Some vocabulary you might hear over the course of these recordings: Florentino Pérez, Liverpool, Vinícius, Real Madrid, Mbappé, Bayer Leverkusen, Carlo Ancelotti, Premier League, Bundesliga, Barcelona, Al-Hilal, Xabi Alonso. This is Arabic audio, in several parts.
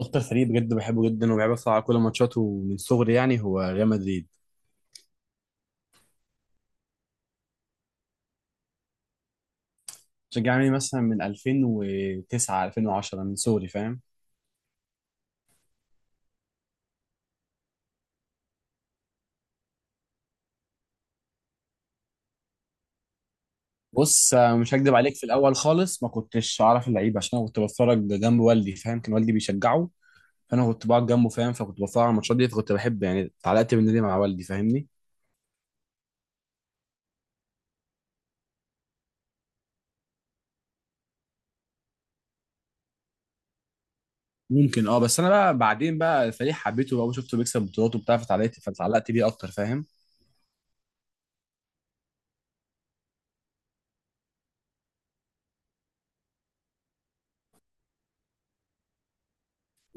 اكتر فريق بجد بحبه جدا وبحب اتفرج على كل ماتشاته من صغري يعني هو ريال مدريد. بشجع يعني مثلا من 2009 2010 من صغري، فاهم. بص، مش هكدب عليك، في الاول خالص ما كنتش اعرف اللعيبه عشان انا كنت بتفرج جنب والدي، فاهم. كان والدي بيشجعه، فانا كنت بقعد جنبه، فاهم. فكنت بتفرج على الماتشات دي، فكنت بحب يعني اتعلقت بالنادي مع والدي، فاهمني. ممكن، اه، بس انا بقى بعدين بقى الفريق حبيته بقى وشفته بيكسب بطولات وبتاع، فتعلقت بيه اكتر، فاهم.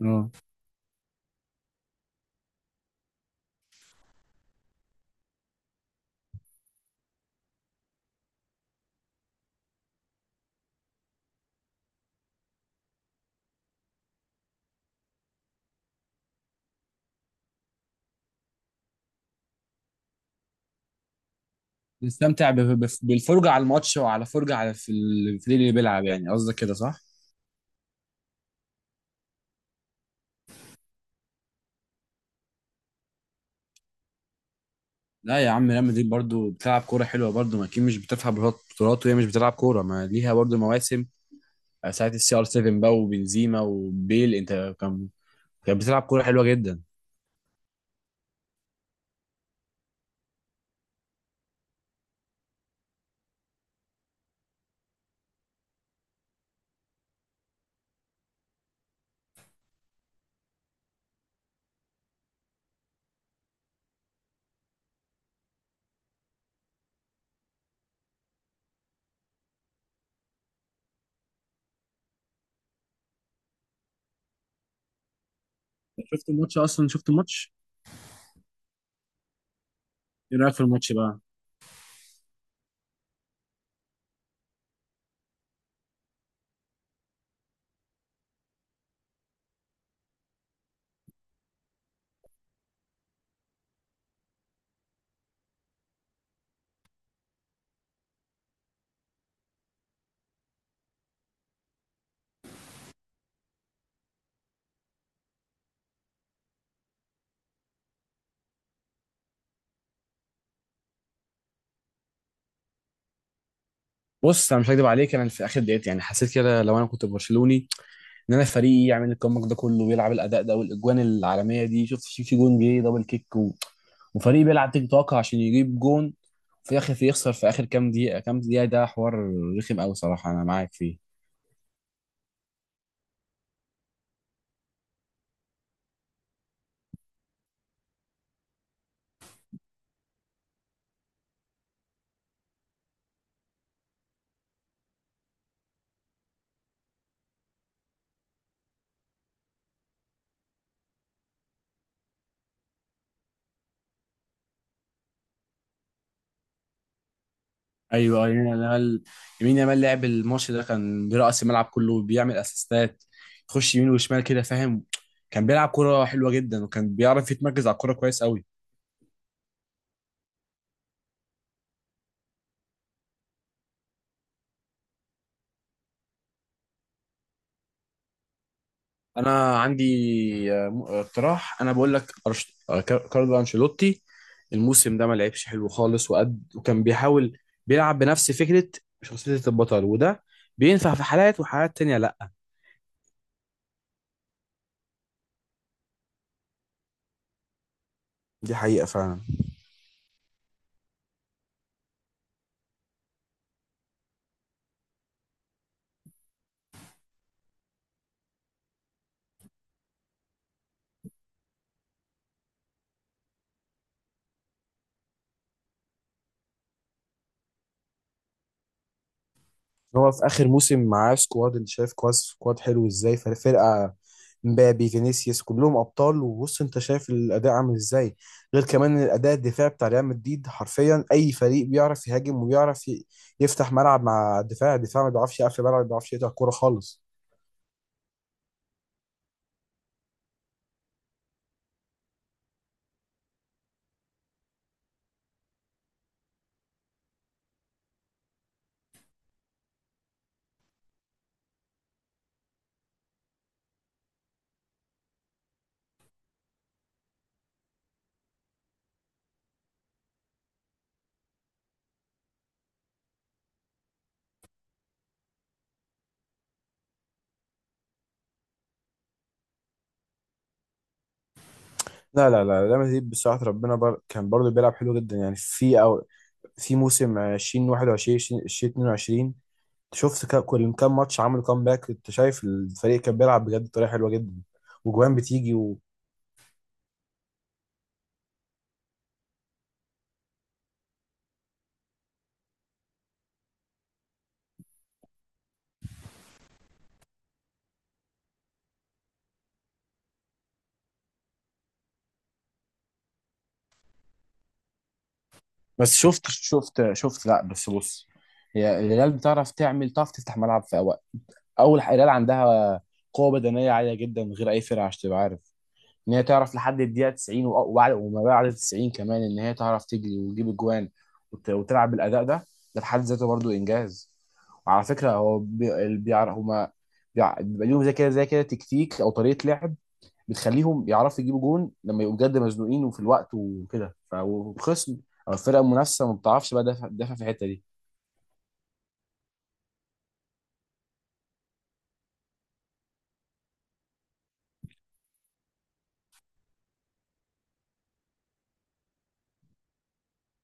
اه. نستمتع بالفرجة على الماتش وعلى فرجة على في الفريق اللي بيلعب، يعني قصدك كده، صح؟ لا يا عم، ريال مدريد برضو بتلعب كورة حلوة، برضو، ما أكيد مش بتفهم بطولات وهي مش بتلعب كورة، ما ليها برضو مواسم. ساعة السي ار 7 بقى وبنزيما وبيل أنت كانت بتلعب كورة حلوة جدا. شفت الماتش أصلا؟ شفت الماتش؟ إيه رأيك في الماتش بقى؟ بص، أنا مش هكدب عليك، أنا في آخر دقيقة يعني حسيت كده، لو أنا كنت برشلوني ان انا فريقي يعمل الكومباك ده كله ويلعب الاداء ده والاجوان العالميه دي. شفت في جون جه دبل كيك و... وفريق بيلعب تيك توك عشان يجيب جون في الاخر يخسر في اخر كام دقيقه كام دقيقه، ده حوار رخم قوي صراحه، انا معاك فيه. ايوه، يمين يامال لعب الماتش ده، كان برأس الملعب كله بيعمل اسيستات، يخش يمين وشمال كده، فاهم. كان بيلعب كرة حلوة جدا وكان بيعرف يتمركز على الكرة كويس قوي. انا عندي، اقتراح، انا بقول لك، كارلو انشيلوتي الموسم ده ما لعبش حلو خالص، وكان بيحاول بيلعب بنفس فكرة شخصية البطل، وده بينفع في حالات، وحالات تانية لا. دي حقيقة فعلا. هو في اخر موسم معاه سكواد، انت شايف كواس سكواد حلو ازاي، فرقه مبابي فينيسيوس كلهم ابطال. وبص انت شايف الاداء عامل ازاي، غير كمان الاداء الدفاعي بتاع ريال مدريد. حرفيا اي فريق بيعرف يهاجم وبيعرف يفتح ملعب مع الدفاع ما بيعرفش يقفل ملعب، ما بيعرفش يقطع كوره خالص. لا لا لا، ريال مدريد بصراحه، كان برضه بيلعب حلو جدا يعني، في او في موسم 2021 2022 شفت كل كام ماتش عملوا كامباك، كنت شايف الفريق كان بيلعب بجد بطريقه حلوه جدا وجوان بتيجي و... بس شفت، لا بس بص، هي الهلال بتعرف تعمل، تعرف تفتح ملعب في اوقات. اول حاجة الهلال عندها قوه بدنيه عاليه جدا، غير اي فرقه، عشان تبقى عارف ان هي تعرف لحد الدقيقه 90 وما بعد 90 كمان، ان هي تعرف تجري وتجيب اجوان وتلعب بالاداء ده. ده في حد ذاته برضو انجاز. وعلى فكره، هو اللي بيعرف هما، بيبقى ليهم زي كده زي كده تكتيك او طريقه لعب بتخليهم يعرفوا يجيبوا جون لما يبقوا بجد مزنوقين وفي الوقت وكده، فالخصم او الفرقه المنافسه ما بتعرفش بقى، دافع دافع في الحته دي.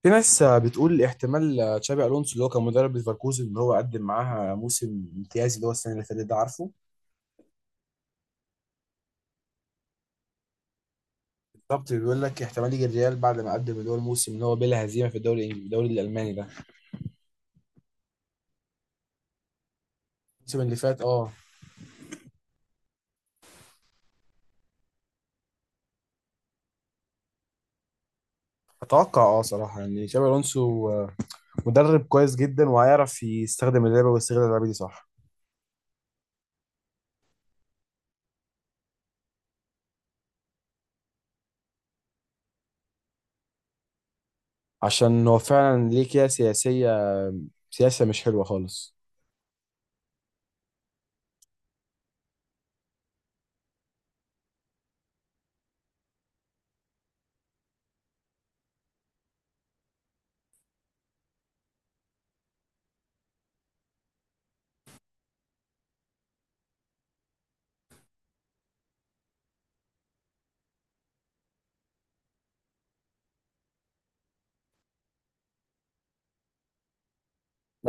في ناس بتقول احتمال تشابي الونسو اللي هو كان مدرب ليفركوزن ان هو قدم معاها موسم امتيازي، اللي هو السنه اللي فاتت ده، عارفه؟ بالظبط، بيقول لك احتمال يجي الريال بعد ما قدم، اللي هو الموسم اللي هو بلا هزيمه في الدوري الالماني ده. الموسم اللي فات، اه. اتوقع، صراحه يعني تشابي الونسو، مدرب كويس جدا وهيعرف يستخدم اللعبه ويستغل اللعبه دي، صح. عشان هو فعلا ليه كده، سياسه مش حلوه خالص.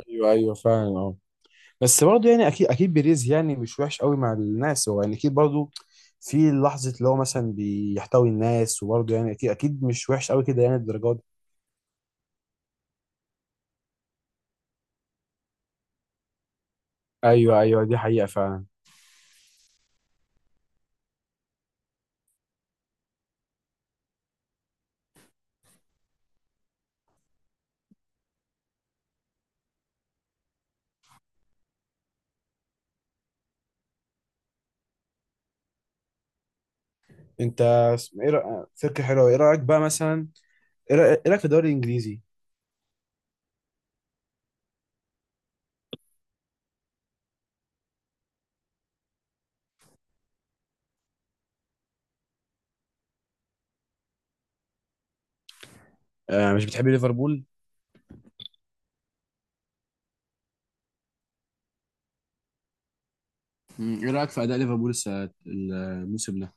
ايوه ايوه فعلا، اه. بس برضه يعني، اكيد اكيد بيريز يعني مش وحش قوي مع الناس، هو يعني اكيد برضه في لحظه اللي هو مثلا بيحتوي الناس، وبرضه يعني اكيد اكيد مش وحش قوي كده يعني الدرجات دي. ايوه ايوه، دي حقيقه فعلا. انت، فكره حلوه، ايه رايك بقى مثلا؟ إيه رايك في الدوري الانجليزي؟ آه، مش بتحب ليفربول؟ ايه رايك في اداء ليفربول الموسم ده؟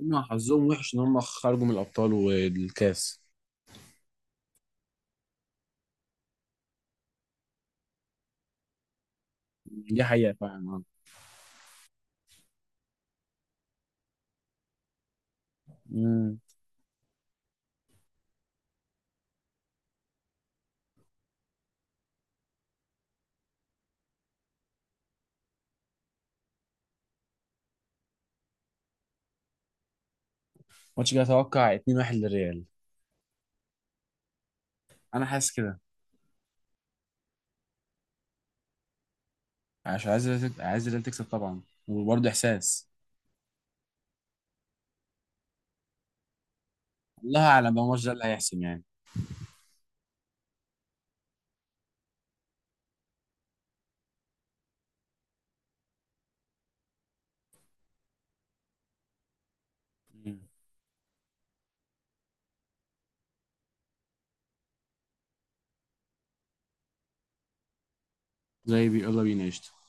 هم حظهم وحش ان هم خرجوا من الابطال والكاس. دي حقيقه فعلا، آه. مم. ماتش كده اتوقع 2-1 للريال. انا حاسس كده. عشان عايز الريال، تكسب طبعا. وبرضه احساس. الله اعلم بقى، الماتش ده اللي هيحسم يعني. مم. زي بي، يلا بينا قشطة.